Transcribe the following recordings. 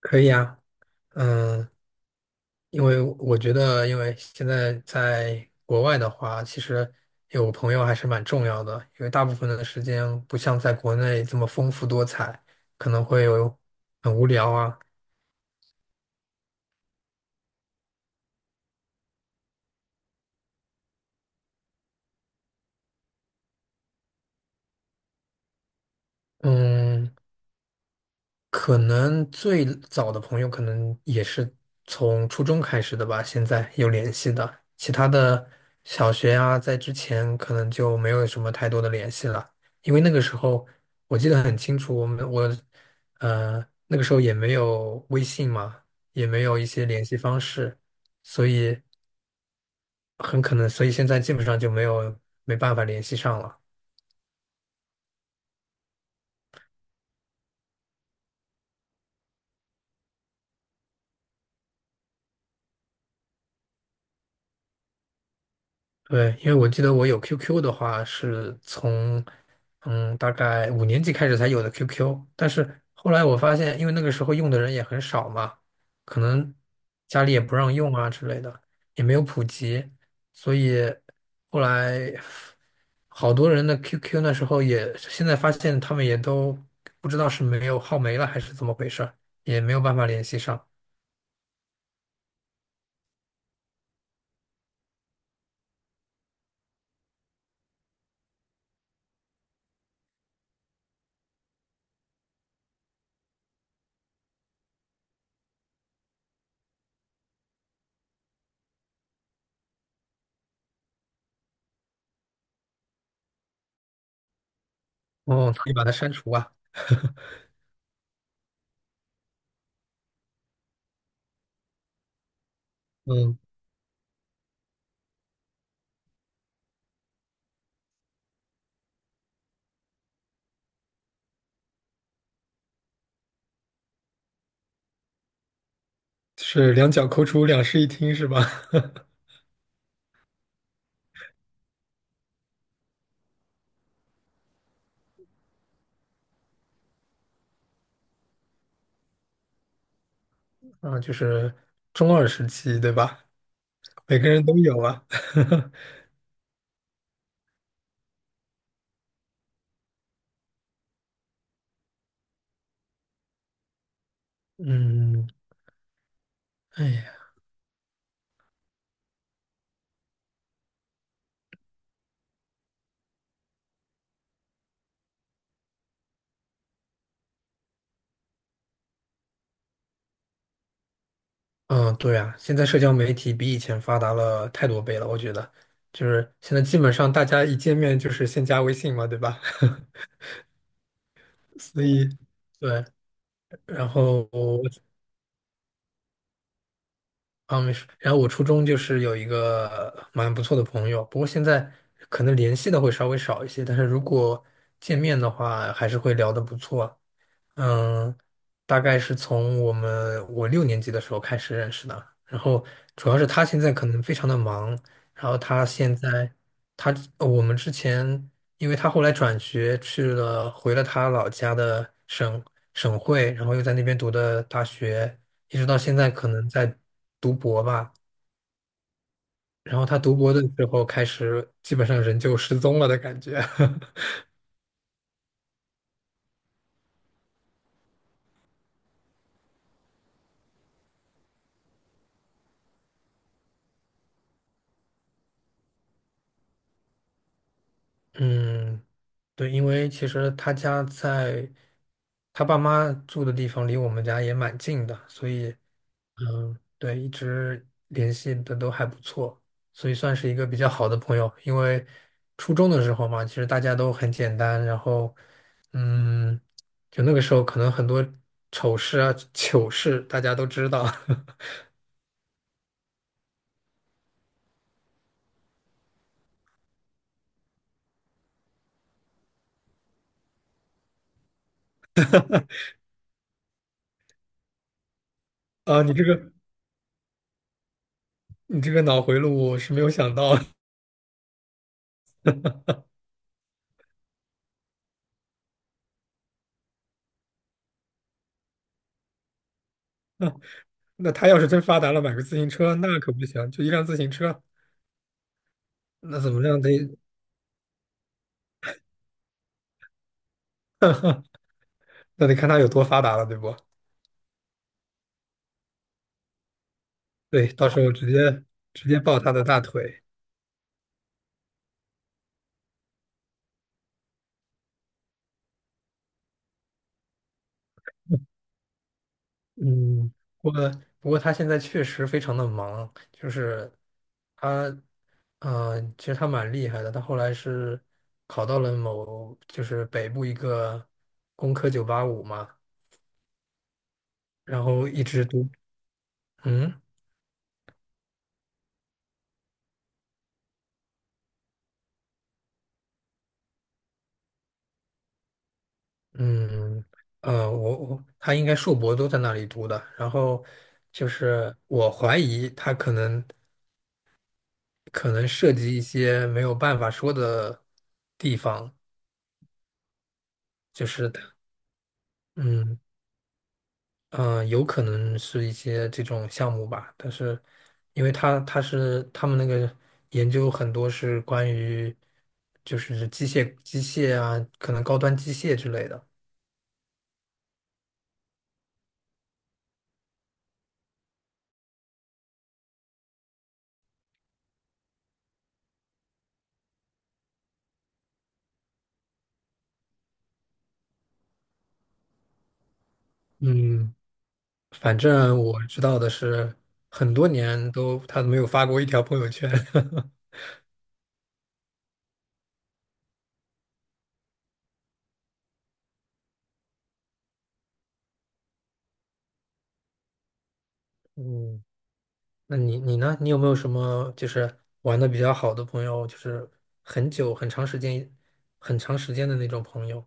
可以啊，嗯，因为我觉得，因为现在在国外的话，其实有朋友还是蛮重要的，因为大部分的时间不像在国内这么丰富多彩，可能会有很无聊啊。嗯，可能最早的朋友可能也是从初中开始的吧，现在有联系的，其他的小学啊，在之前可能就没有什么太多的联系了，因为那个时候我记得很清楚，我们我呃那个时候也没有微信嘛，也没有一些联系方式，所以很可能，所以现在基本上就没办法联系上了。对，因为我记得我有 QQ 的话是从大概5年级开始才有的 QQ，但是后来我发现，因为那个时候用的人也很少嘛，可能家里也不让用啊之类的，也没有普及，所以后来好多人的 QQ 那时候也现在发现他们也都不知道是没有号没了还是怎么回事儿也没有办法联系上，哦，可以把它删除啊，嗯，是两脚抠出两室一厅是吧？啊，就是中二时期，对吧？每个人都有啊。嗯，哎呀，嗯，对啊，现在社交媒体比以前发达了太多倍了，我觉得，就是现在基本上大家一见面就是先加微信嘛，对吧？所以，对，然后我啊没事，然后我初中就是有一个蛮不错的朋友，不过现在可能联系的会稍微少一些，但是如果见面的话，还是会聊得不错。嗯，大概是从我6年级的时候开始认识的。然后主要是他现在可能非常的忙，然后他现在他呃我们之前，因为他后来转学去了回了他老家的省会，然后又在那边读的大学，一直到现在可能在读博吧。然后他读博的时候开始，基本上人就失踪了的感觉。嗯。对，因为其实他家在他爸妈住的地方离我们家也蛮近的，所以嗯，对，一直联系的都还不错，所以算是一个比较好的朋友。因为初中的时候嘛，其实大家都很简单，然后嗯，就那个时候可能很多丑事啊、糗事大家都知道 啊。你这个脑回路我是没有想到，那他要是真发达了，买个自行车那可不行，就一辆自行车。那怎么样得？那得看他有多发达了，对不？对，到时候直接抱他的大腿。嗯，不过不过他现在确实非常的忙，就是他，其实他蛮厉害的。他后来是考到了某就是北部一个工科985嘛，然后一直读，嗯嗯他应该硕博都在那里读的，然后就是我怀疑他可能涉及一些没有办法说的地方，就是它嗯有可能是一些这种项目吧，但是因为他是他们那个研究很多是关于就是机械啊，可能高端机械之类的。嗯，反正我知道的是，很多年都他没有发过一条朋友圈。嗯那你呢？你有没有什么就是玩的比较好的朋友，就是很久、很长时间的那种朋友？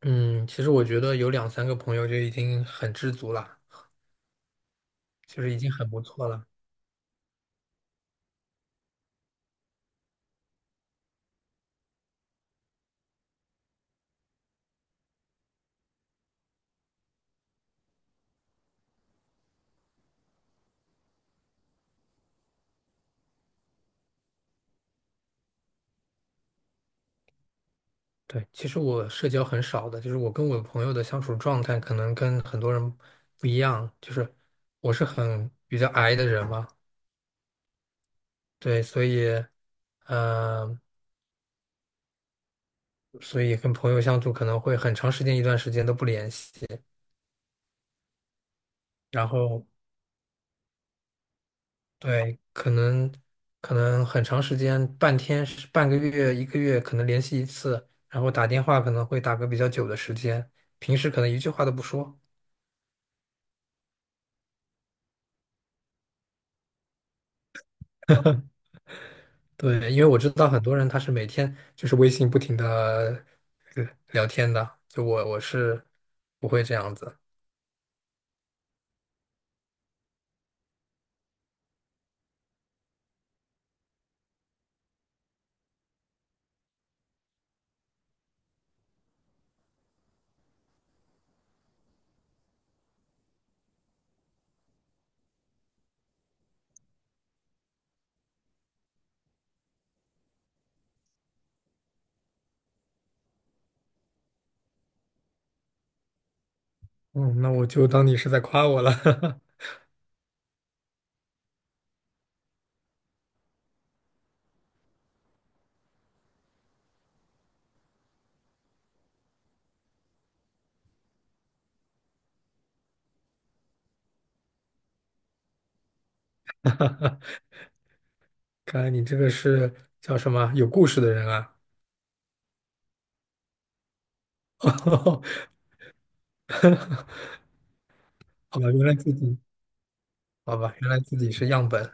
嗯，其实我觉得有两三个朋友就已经很知足了，就是已经很不错了。对，其实我社交很少的，就是我跟我朋友的相处状态可能跟很多人不一样，就是我是很比较 i 的人嘛，对，呃，所以跟朋友相处可能会很长时间一段时间都不联系，然后。对，可能很长时间，半天、半个月、一个月，可能联系一次，然后打电话可能会打个比较久的时间，平时可能一句话都不说。对，因为我知道很多人他是每天就是微信不停的聊天的，就我是不会这样子。嗯，那我就当你是在夸我了。看来你这个是叫什么有故事的人啊？好吧，原来自己好吧，原来自己是样本。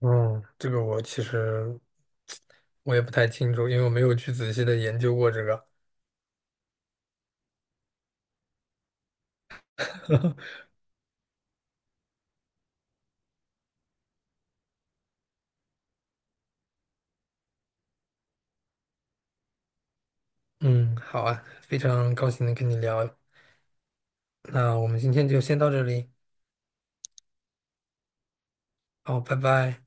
嗯，这个我其实也不太清楚，因为我没有去仔细的研究过这个。嗯，好啊，非常高兴能跟你聊，那我们今天就先到这里，好，拜拜。